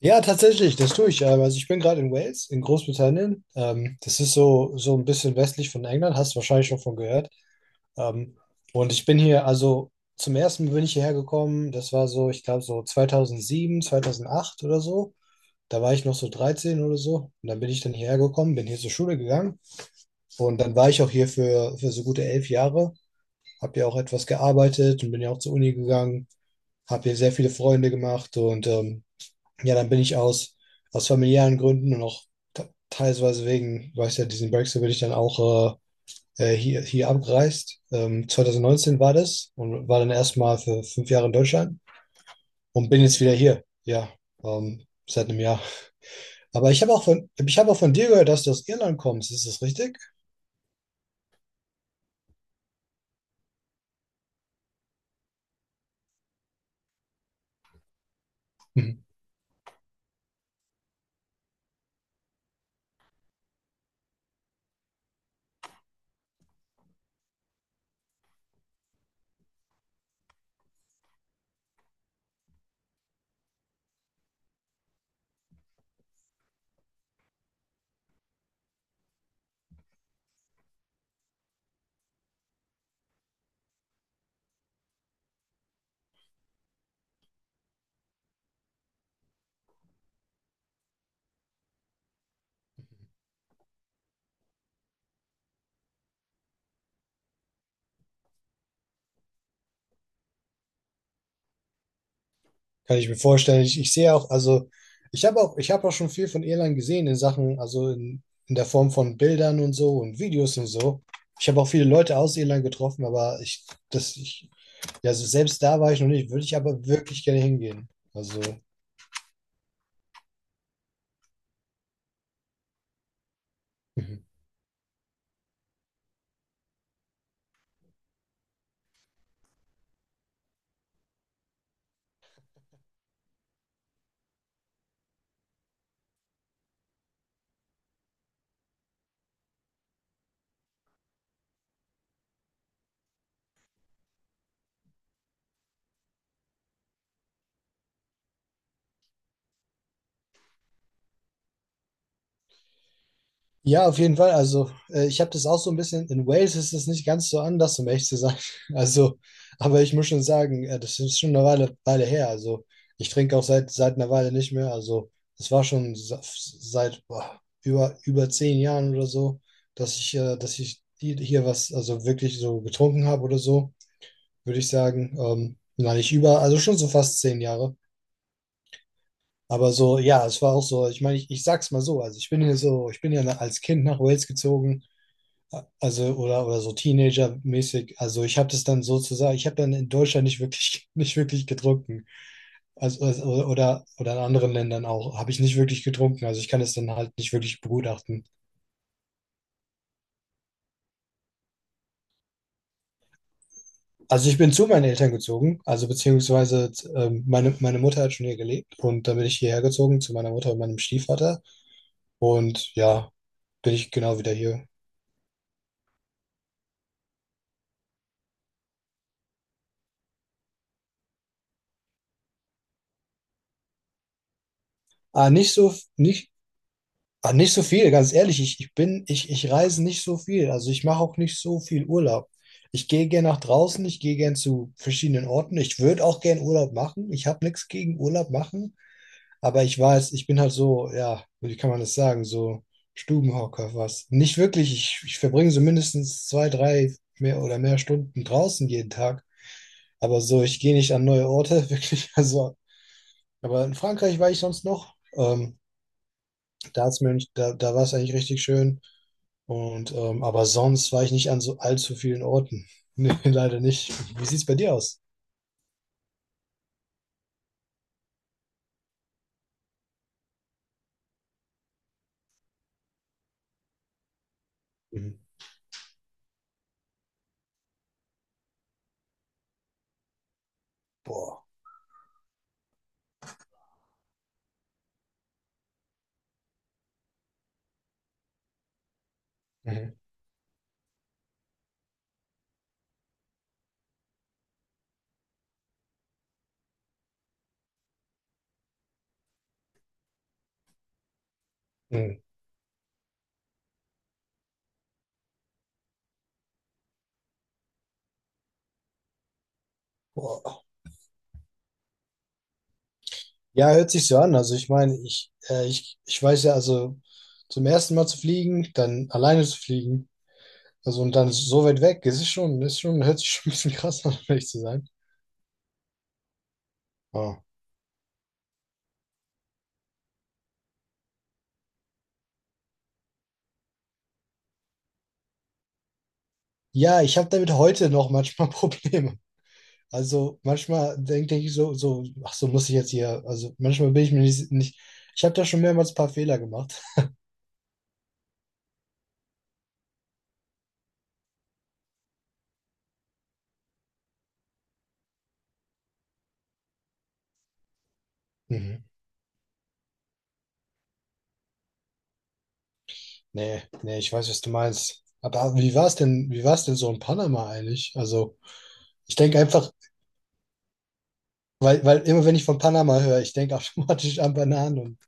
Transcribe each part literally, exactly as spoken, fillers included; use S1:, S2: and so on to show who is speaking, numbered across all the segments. S1: Ja, tatsächlich, das tue ich. Ähm, Also ich bin gerade in Wales, in Großbritannien. Ähm, das ist so, so ein bisschen westlich von England, hast du wahrscheinlich schon von gehört. Ähm, und ich bin hier, also zum ersten Mal bin ich hierher gekommen. Das war so, ich glaube, so zweitausendsieben, zweitausendacht oder so. Da war ich noch so dreizehn oder so. Und dann bin ich dann hierher gekommen, bin hier zur Schule gegangen. Und dann war ich auch hier für, für so gute elf Jahre. Hab hier auch etwas gearbeitet und bin ja auch zur Uni gegangen. Hab hier sehr viele Freunde gemacht und ähm, ja, dann bin ich aus, aus familiären Gründen und auch te- teilweise wegen, weiß ja, diesen Brexit bin ich dann auch äh, äh, hier, hier abgereist. Ähm, zwanzig neunzehn war das, und war dann erstmal für fünf Jahre in Deutschland und bin jetzt wieder hier. Ja, ähm, seit einem Jahr. Aber ich habe auch von, ich habe auch von dir gehört, dass du aus Irland kommst. Ist das richtig? Hm. Kann ich mir vorstellen. Ich, ich sehe auch, also ich habe auch, ich habe auch schon viel von Irland gesehen, in Sachen, also in, in der Form von Bildern und so und Videos und so. Ich habe auch viele Leute aus Irland getroffen, aber ich, das, ich, ja, also selbst da war ich noch nicht, würde ich aber wirklich gerne hingehen. Also. Mhm. Ja, auf jeden Fall. Also, äh, ich habe das auch so ein bisschen. In Wales ist es nicht ganz so anders, um ehrlich zu sein. Also, aber ich muss schon sagen, äh, das ist schon eine Weile, Weile her. Also, ich trinke auch seit, seit einer Weile nicht mehr. Also, es war schon sa- seit boah, über, über zehn Jahren oder so, dass ich, äh, dass ich hier hier was, also wirklich so getrunken habe oder so, würde ich sagen. Ähm, nein, nicht über, also schon so fast zehn Jahre. Aber so, ja, es war auch so. Ich meine, ich, ich sag's mal so. Also, ich bin hier so, ich bin ja als Kind nach Wales gezogen. Also, oder, oder so Teenager-mäßig. Also, ich habe das dann sozusagen, ich habe dann in Deutschland nicht wirklich, nicht wirklich getrunken. Also, also- oder, oder in anderen Ländern auch, habe ich nicht wirklich getrunken. Also, ich kann es dann halt nicht wirklich begutachten. Also, ich bin zu meinen Eltern gezogen. Also, beziehungsweise, ähm, meine, meine Mutter hat schon hier gelebt. Und dann bin ich hierher gezogen zu meiner Mutter und meinem Stiefvater. Und ja, bin ich genau wieder hier. Ah, nicht so, nicht, Ah, nicht so viel, ganz ehrlich. Ich, ich bin, ich, ich reise nicht so viel. Also ich mache auch nicht so viel Urlaub. Ich gehe gern nach draußen, ich gehe gern zu verschiedenen Orten. Ich würde auch gern Urlaub machen. Ich habe nichts gegen Urlaub machen, aber ich weiß, ich bin halt so, ja, wie kann man das sagen, so Stubenhocker, was. Nicht wirklich. Ich, ich verbringe so mindestens zwei, drei mehr oder mehr Stunden draußen jeden Tag. Aber so, ich gehe nicht an neue Orte, wirklich. Also, aber in Frankreich war ich sonst noch. Ähm, Staatsmönch, da, da war es eigentlich richtig schön. Und ähm, aber sonst war ich nicht an so allzu vielen Orten. Nee, leider nicht. Wie sieht's bei dir aus? Mhm. Boah. Mhm. Mhm. Boah. Ja, hört sich so an. Also ich meine, ich, äh, ich, ich weiß ja, also zum ersten Mal zu fliegen, dann alleine zu fliegen, also und dann so weit weg, es ist schon, ist schon, hört sich schon ein bisschen krass an, um ehrlich zu sein. Ah. Ja, ich habe damit heute noch manchmal Probleme. Also manchmal denke ich so, so, ach so, muss ich jetzt hier, also manchmal bin ich mir nicht, nicht. Ich habe da schon mehrmals ein paar Fehler gemacht. Mhm. Nee, nee, ich weiß, was du meinst. Aber wie war es denn, wie war es denn so in Panama eigentlich? Also ich denke einfach, weil, weil immer, wenn ich von Panama höre, ich denke automatisch an Bananen und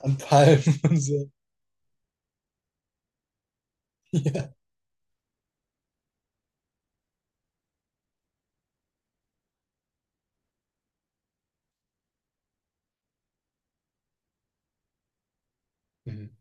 S1: an Palmen und so. Ja. Mhm.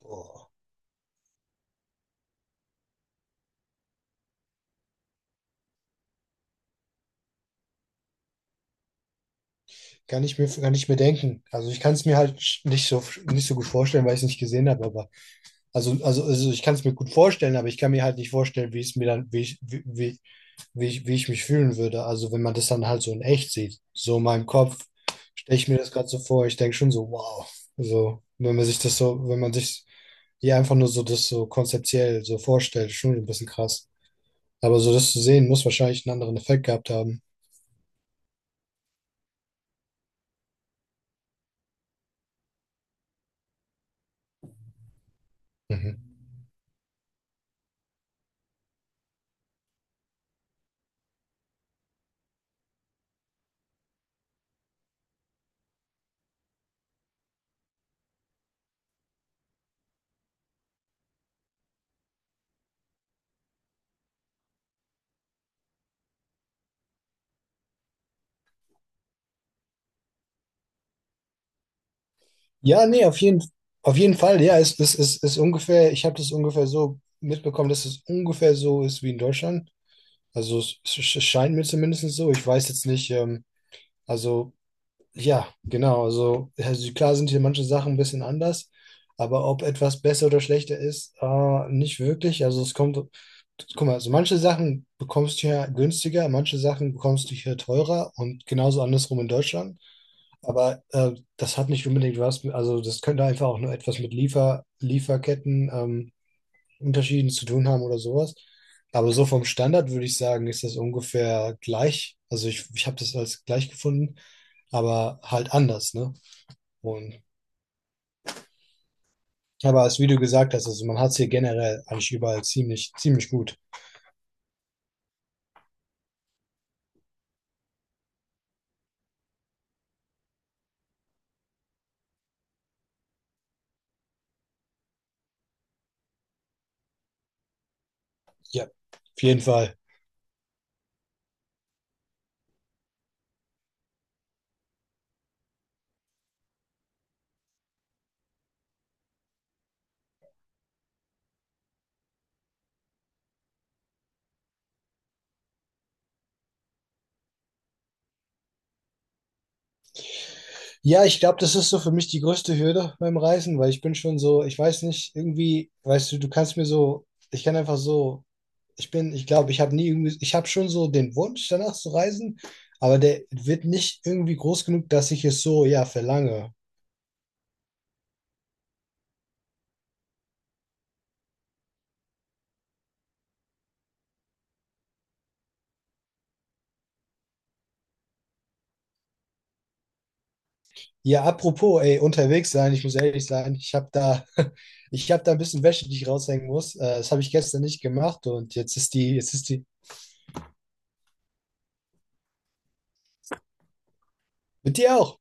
S1: Boah. Kann ich mir, kann ich mir denken. Also ich kann es mir halt nicht so, nicht so gut vorstellen, weil ich es nicht gesehen habe, aber. Also, also, also ich kann es mir gut vorstellen, aber ich kann mir halt nicht vorstellen, wie es mir dann, wie ich, wie, wie, wie ich, wie ich mich fühlen würde. Also wenn man das dann halt so in echt sieht. So in meinem Kopf stelle ich mir das gerade so vor. Ich denke schon so, wow. So, wenn man sich das so, wenn man sich hier einfach nur so das so konzeptiell so vorstellt, schon ein bisschen krass. Aber so das zu sehen, muss wahrscheinlich einen anderen Effekt gehabt haben. Mhm. Ja, nee, auf jeden, auf jeden Fall, ja, es ist, ist, ist ungefähr, ich habe das ungefähr so mitbekommen, dass es ungefähr so ist wie in Deutschland. Also es, es es scheint mir zumindest so. Ich weiß jetzt nicht, ähm, also ja, genau. Also, also klar sind hier manche Sachen ein bisschen anders, aber ob etwas besser oder schlechter ist, äh, nicht wirklich. Also es kommt, guck mal, also manche Sachen bekommst du hier günstiger, manche Sachen bekommst du hier teurer und genauso andersrum in Deutschland. Aber äh, das hat nicht unbedingt was, mit- also das könnte einfach auch nur etwas mit Liefer, Lieferketten, ähm, Unterschieden zu tun haben oder sowas. Aber so vom Standard würde ich sagen, ist das ungefähr gleich. Also ich, ich habe das als gleich gefunden, aber halt anders, ne? Und aber als wie du gesagt hast, also man hat es hier generell eigentlich überall ziemlich, ziemlich gut. Ja, auf jeden Fall. Ja, ich glaube, das ist so für mich die größte Hürde beim Reisen, weil ich bin schon so, ich weiß nicht, irgendwie, weißt du, du kannst mir so, ich kann einfach so, ich bin, ich glaube, ich habe nie irgendwie, ich habe schon so den Wunsch danach zu reisen, aber der wird nicht irgendwie groß genug, dass ich es so, ja, verlange. Ja, apropos, ey, unterwegs sein, ich muss ehrlich sein, ich habe da, ich habe da ein bisschen Wäsche, die ich raushängen muss. Äh, das habe ich gestern nicht gemacht, und jetzt ist die, jetzt ist die, Mit dir auch.